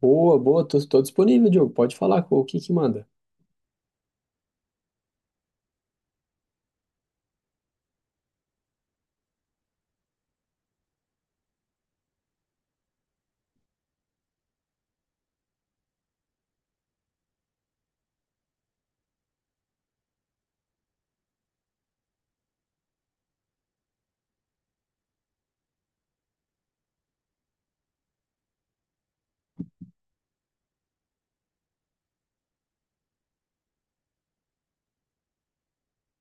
Boa, boa, tô disponível, Diogo. Pode falar, o que que manda?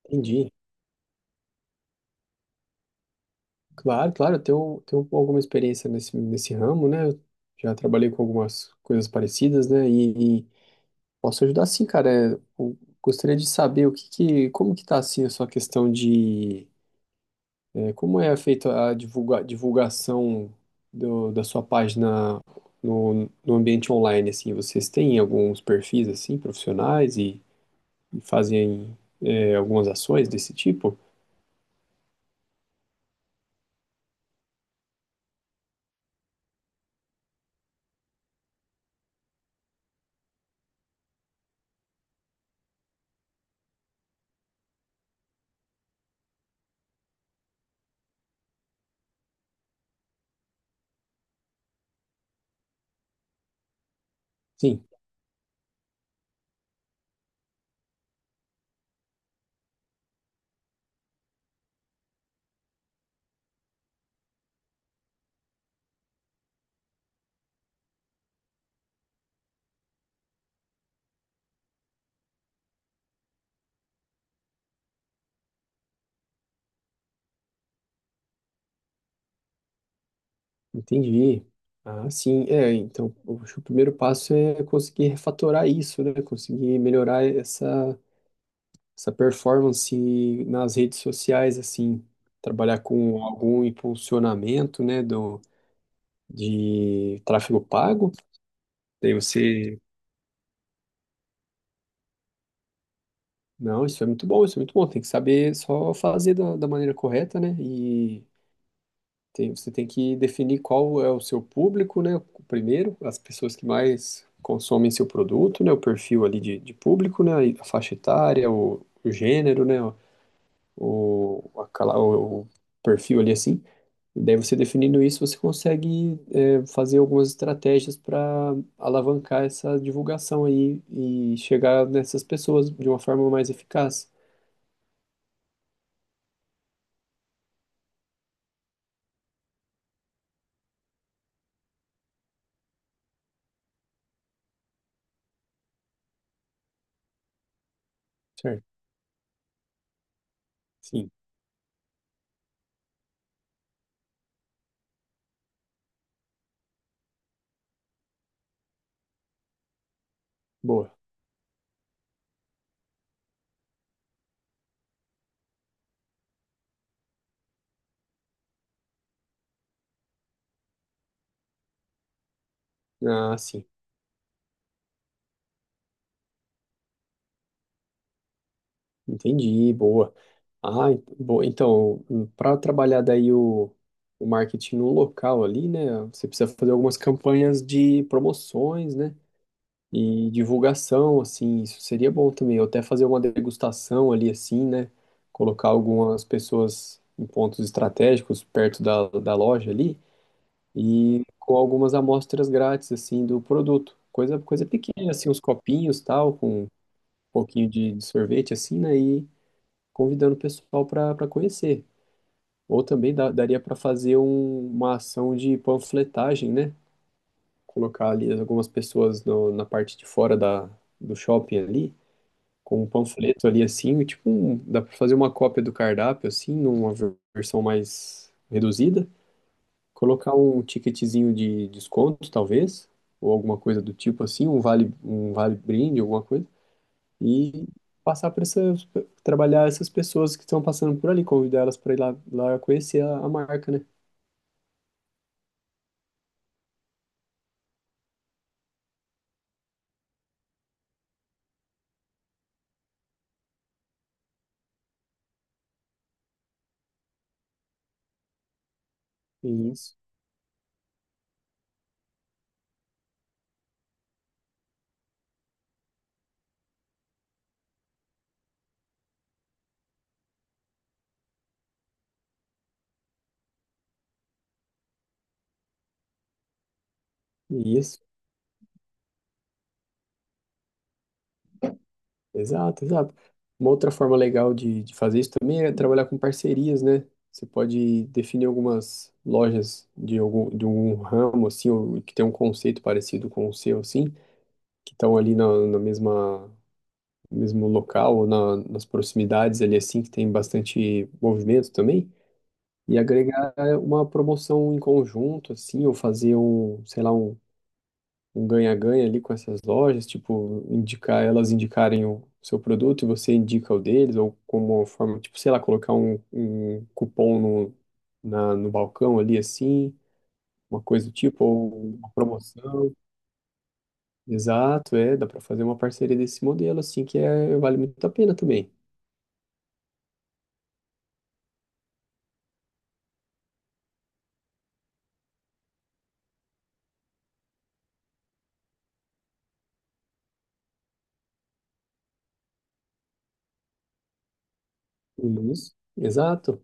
Entendi. Claro, claro, eu tenho alguma experiência nesse ramo, né? Eu já trabalhei com algumas coisas parecidas, né? E posso ajudar sim, cara. Eu gostaria de saber como que tá assim a sua questão de como é feita a divulgação da sua página no ambiente online, assim? Vocês têm alguns perfis, assim, profissionais e fazem algumas ações desse tipo? Sim, entendi. Ah, sim, então, eu acho que o primeiro passo é conseguir refatorar isso, né? Conseguir melhorar essa performance nas redes sociais, assim. Trabalhar com algum impulsionamento, né, de tráfego pago. Daí você, não, isso é muito bom, isso é muito bom. Tem que saber só fazer da maneira correta, né? E tem, você tem que definir qual é o seu público, né? Primeiro, as pessoas que mais consomem seu produto, né? O perfil ali de público, né? A faixa etária, o gênero, né? O, a cala- o perfil ali assim. E daí você definindo isso, você consegue fazer algumas estratégias para alavancar essa divulgação aí e chegar nessas pessoas de uma forma mais eficaz. Certo, sim, boa. Ah, sim, entendi, boa. Boa. Então, para trabalhar daí o marketing no local ali, né? Você precisa fazer algumas campanhas de promoções, né? E divulgação, assim, isso seria bom também. Ou até fazer uma degustação ali, assim, né? Colocar algumas pessoas em pontos estratégicos perto da loja ali e com algumas amostras grátis, assim, do produto. Coisa, coisa pequena, assim, uns copinhos, tal, com pouquinho de sorvete assim, né? E convidando o pessoal para conhecer. Ou também daria para fazer uma ação de panfletagem, né? Colocar ali algumas pessoas na parte de fora da, do shopping ali, com um panfleto ali assim, tipo, dá para fazer uma cópia do cardápio assim, numa versão mais reduzida. Colocar um ticketzinho de desconto, talvez, ou alguma coisa do tipo assim, um vale brinde, alguma coisa e passar por essas, trabalhar essas pessoas que estão passando por ali, convidar elas para ir lá, lá conhecer a marca, né? Isso, isso, exato, exato. Uma outra forma legal de fazer isso também é trabalhar com parcerias, né? Você pode definir algumas lojas de algum, de um ramo, assim, ou que tem um conceito parecido com o seu, assim, que estão ali no mesmo local ou nas proximidades ali, assim, que tem bastante movimento também. E agregar uma promoção em conjunto, assim, ou fazer um, sei lá, um ganha-ganha ali com essas lojas, tipo, indicar elas indicarem o seu produto e você indica o deles, ou como uma forma, tipo, sei lá, colocar um cupom no balcão ali, assim, uma coisa do tipo, ou uma promoção. Exato, é, dá para fazer uma parceria desse modelo, assim, que é, vale muito a pena também. Isso, exato.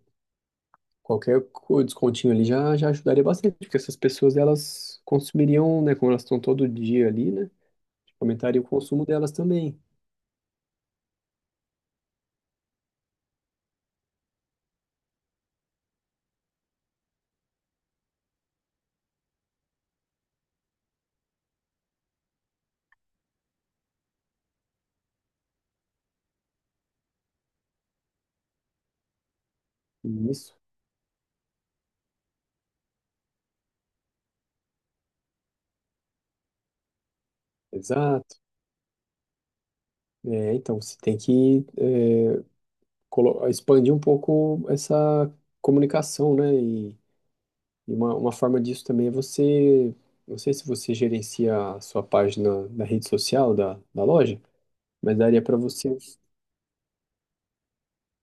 Qualquer descontinho ali já ajudaria bastante, porque essas pessoas elas consumiriam, né, como elas estão todo dia ali, né, aumentaria o consumo delas também. Isso, exato. É, então você tem que expandir um pouco essa comunicação, né, e, uma forma disso também é você, não sei se você gerencia a sua página da rede social da loja, mas daria para você.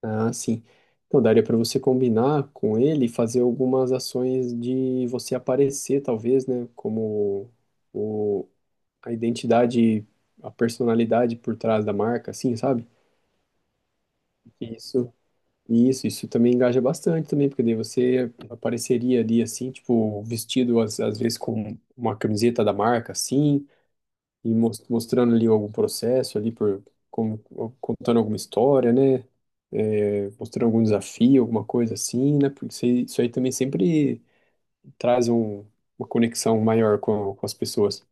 Ah, sim. Então, daria para você combinar com ele e fazer algumas ações de você aparecer, talvez, né? Como o, a identidade, a personalidade por trás da marca, assim, sabe? Isso, isso também engaja bastante também, porque daí você apareceria ali, assim, tipo, vestido às vezes com uma camiseta da marca, assim, e mostrando ali algum processo ali por como contando alguma história, né? É, mostrando algum desafio, alguma coisa assim, né? Porque isso aí também sempre traz uma conexão maior com as pessoas.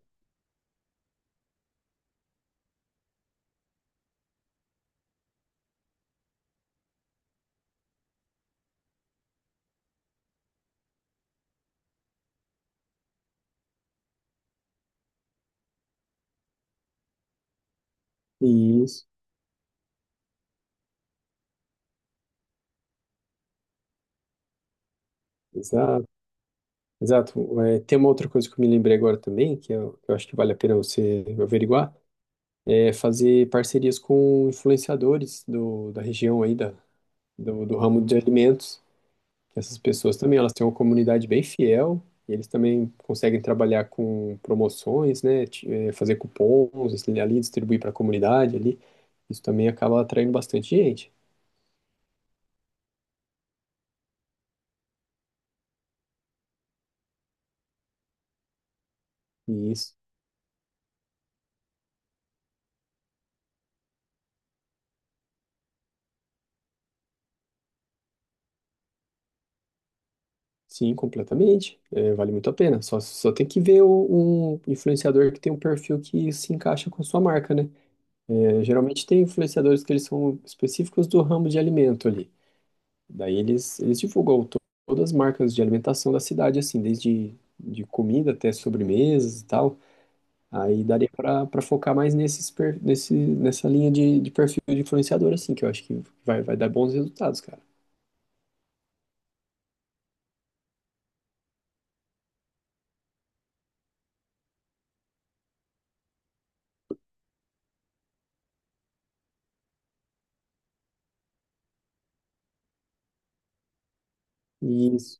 Isso, exato, exato. É, tem uma outra coisa que eu me lembrei agora também, que eu acho que vale a pena você averiguar, é fazer parcerias com influenciadores da região aí, do ramo de alimentos. Essas pessoas também, elas têm uma comunidade bem fiel, e eles também conseguem trabalhar com promoções, né, fazer cupons, assim, ali distribuir para a comunidade ali. Isso também acaba atraindo bastante gente. E isso, sim, completamente. Eh, vale muito a pena. Só, só tem que ver um influenciador que tem um perfil que se encaixa com a sua marca, né? Eh, geralmente tem influenciadores que eles são específicos do ramo de alimento ali. Daí eles todas as marcas de alimentação da cidade, assim, desde de comida até sobremesas e tal. Aí daria para focar mais nessa linha de perfil de influenciador, assim, que eu acho que vai dar bons resultados, cara. Isso.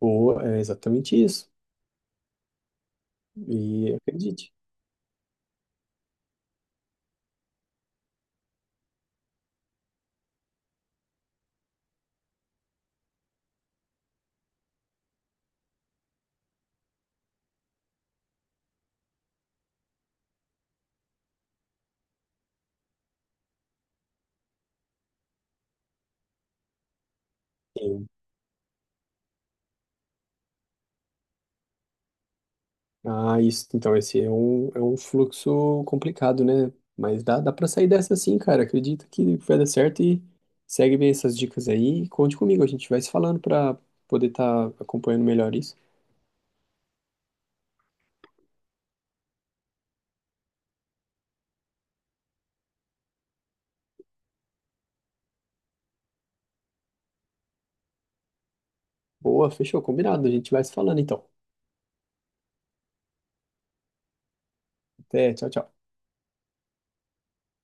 Boa, é exatamente isso. E acredite. Ah, isso, então esse é um fluxo complicado, né? Mas dá, dá para sair dessa sim, cara. Acredito que vai dar certo e segue bem essas dicas aí. E conte comigo, a gente vai se falando para poder estar acompanhando melhor isso. Boa, fechou, combinado. A gente vai se falando então. Até, tchau, tchau.